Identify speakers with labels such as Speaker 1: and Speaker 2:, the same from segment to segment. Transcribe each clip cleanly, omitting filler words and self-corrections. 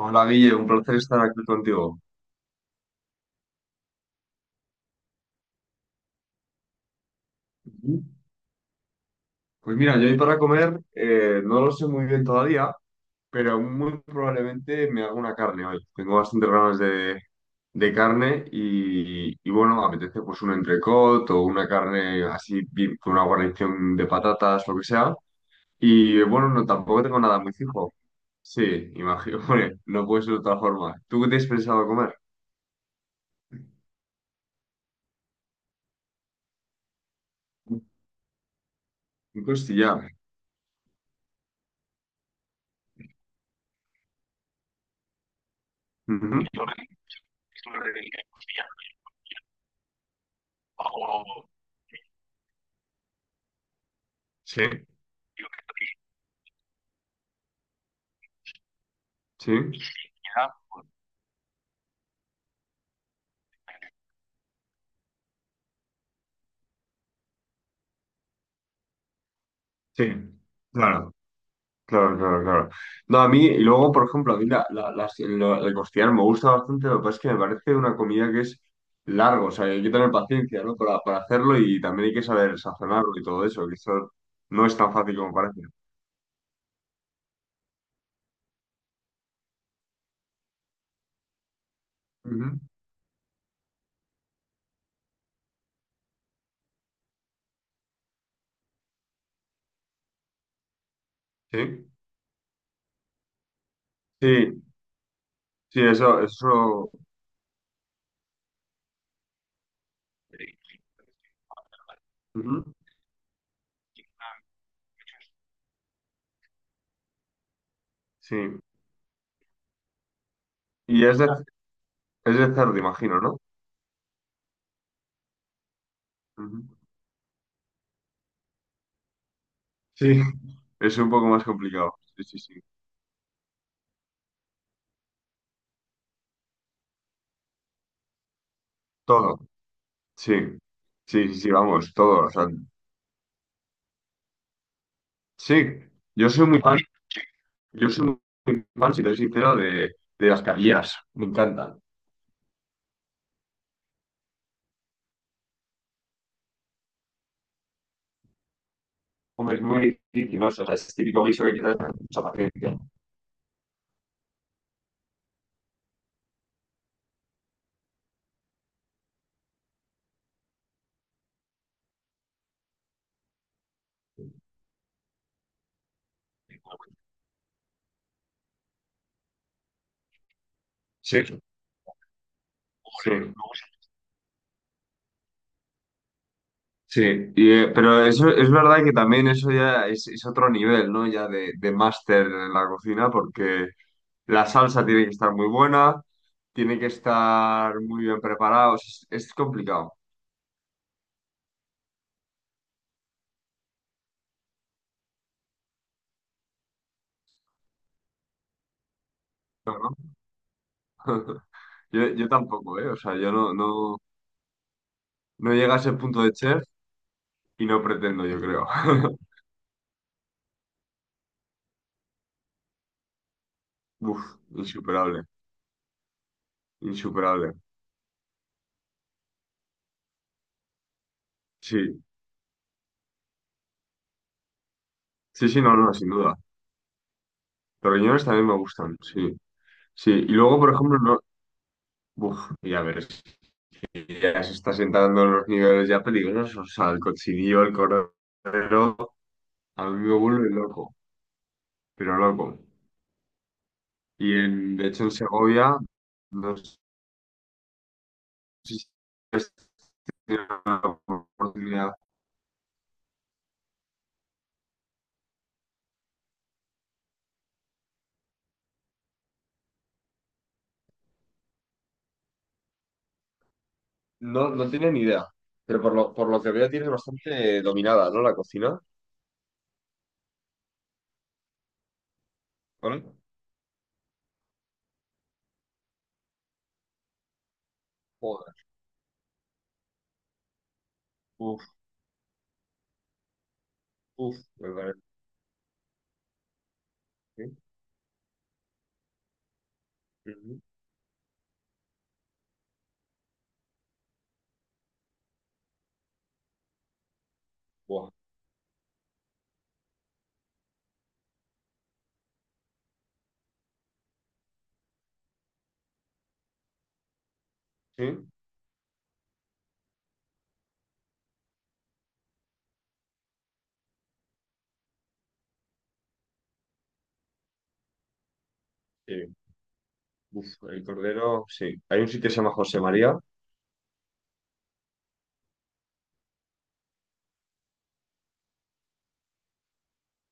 Speaker 1: Hola Guille, un placer estar aquí contigo. Ujú. Pues mira, yo hoy para comer no lo sé muy bien todavía, pero muy probablemente me haga una carne hoy. Tengo bastantes ganas de carne y bueno, me apetece pues un entrecot o una carne así bien- con una guarnición de patatas, lo que sea. Y bueno, no, tampoco tengo nada muy fijo. Sí, imagino, hombre, no puede ser de otra forma. ¿Tú qué te has pensado comer? Un costillar. Ujú. Sí. Sí, sí, claro, claro, claro, claro. No, a mí, y luego, por ejemplo, a mí el costillar me gusta bastante, lo que pasa es que me parece una comida que es largo, o sea, hay que tener paciencia, ¿no? Para hacerlo y también hay que saber sazonarlo y todo eso, que eso no es tan fácil como parece. Ujú, sí, sí, sí, eso, ujú, sí. Y es de cerdo, imagino, ¿no? Ujú. Sí, es un poco más complicado. Sí, sí, sí. Todo, sí. Sí, sí, sí, vamos, todo. O sea, sí, yo soy muy fan, yo soy muy fan, si te soy sincero, de las caviar. Me encantan. Hombre, es muy difícil, ¿no? O sea, es típico guiso que quizás no mucha paciencia. Sí, sí, sí. Y, pero eso es verdad que también eso ya es otro nivel, ¿no? Ya de máster en la cocina, porque la salsa tiene que estar muy buena, tiene que estar muy bien preparada. O sea, es complicado, ¿no? Yo tampoco, ¿eh? O sea, yo no, no, no llegué a ese punto de chef. Y no pretendo, yo creo. Uf, insuperable, insuperable. Sí, sí, sí, no, no, sin duda. Los riñones también me gustan, sí. Sí, y luego, por ejemplo, no. Uf, y a ver, si ya se está sentando en los niveles ya peligrosos. O sea, el cochinillo, el cordero, a mí me vuelve loco, pero loco. Y en, de hecho en Segovia, no sé si has tenido la oportunidad. No, no tiene ni idea, pero por lo que veo tiene bastante dominada, ¿no? La cocina. ¿Vale? Uf, uf, me parece. Sí. Ujú. Buah, sí, sí. Uf, el cordero, sí. Hay un sitio que se llama José María.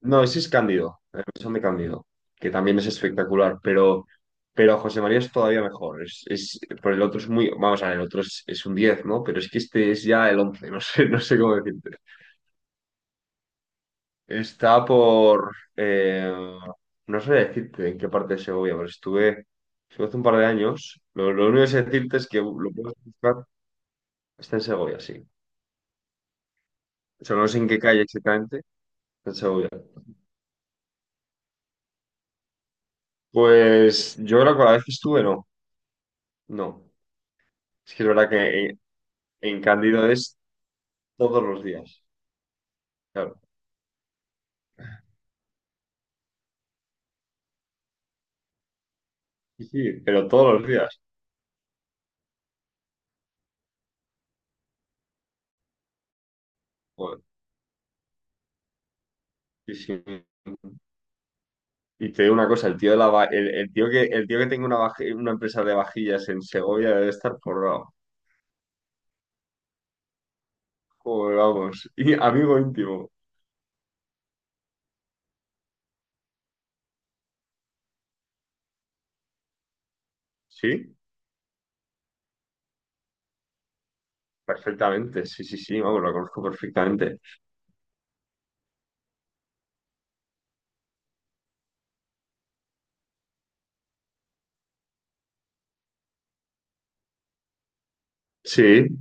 Speaker 1: No, ese es Cándido, el mesón de Cándido, que también es espectacular, pero José María es todavía mejor. Es, por el otro es muy, vamos a ver, el otro es un diez, ¿no? Pero es que este es ya el once, no sé, no sé cómo decirte. Está por, eh, no sé decirte en qué parte de Segovia, pero estuve hace un par de años. Lo único que sé decirte es que lo puedes buscar, está en Segovia, sí. O sea, no sé en qué calle exactamente, en Segovia. Pues yo creo que la vez que estuve, no. No. Es que es verdad que en Cándido es todos los días. Claro. Sí, sí, pero todos los días. Joder. Sí, sí. Y te digo una cosa, el tío de la va- el tío que tenga una, vaji- una empresa de vajillas en Segovia debe estar forrado. Joder, vamos. Y amigo íntimo. Sí, perfectamente. Sí, sí, sí, vamos, lo conozco perfectamente. Sí,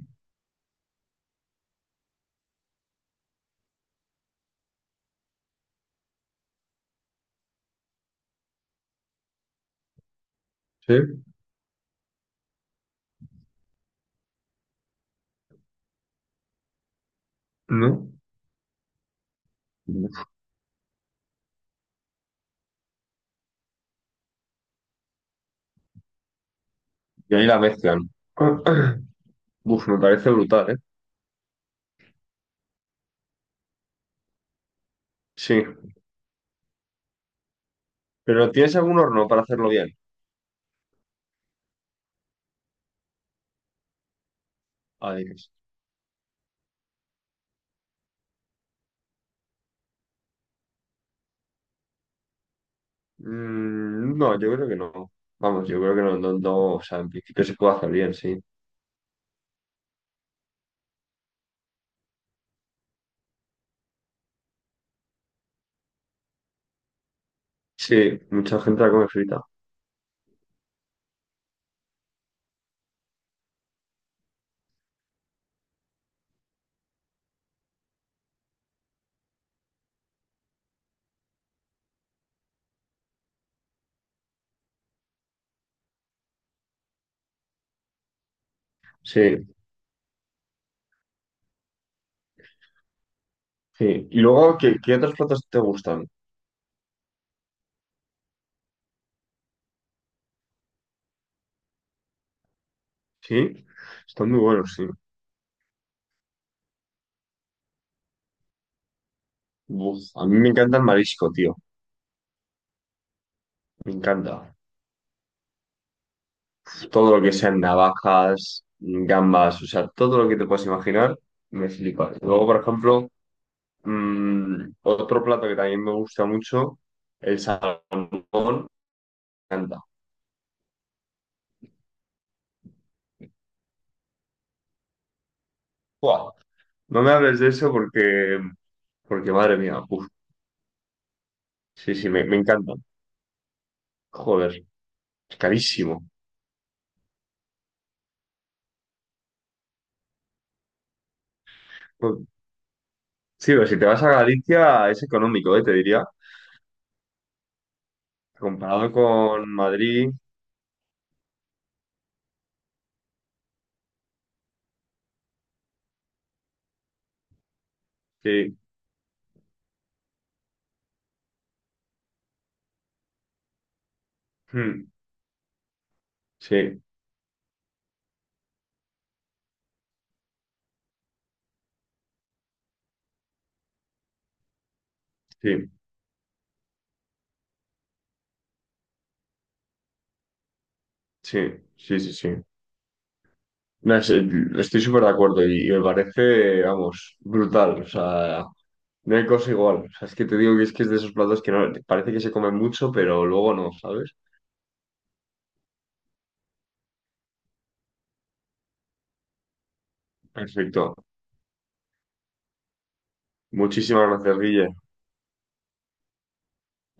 Speaker 1: sí, ¿no? Y ahí la mezclan. Uf, me parece brutal, ¿eh? Sí. ¿Pero tienes algún horno para hacerlo bien? Adiós. Mm, no, yo creo que no. Vamos, yo creo que no, no, no. O sea, en principio se puede hacer bien, sí. Sí, mucha gente la come frita. Sí, sí. Y luego, ¿qué, qué otros platos te gustan? Sí, están muy buenos, sí. Uf, a mí me encanta el marisco, tío. Me encanta. Todo lo que sean navajas, gambas, o sea, todo lo que te puedas imaginar, me flipa. Luego, por ejemplo. Mm, otro plato que también me gusta mucho, el salmón, me encanta. ¡Buah! No me hables de eso porque, porque madre mía, uf, sí, sí, me encanta. Joder, es carísimo. Pues, sí, pero si te vas a Galicia es económico, te diría. Comparado con Madrid, sí. Mm, sí, sí, sí, sí, sí, sí. No, es- estoy súper de acuerdo y me parece, vamos, brutal. O sea, no hay cosa igual. O sea, es que te digo que es de esos platos que no, parece que se comen mucho, pero luego no, ¿sabes? Perfecto. Muchísimas gracias, Guille.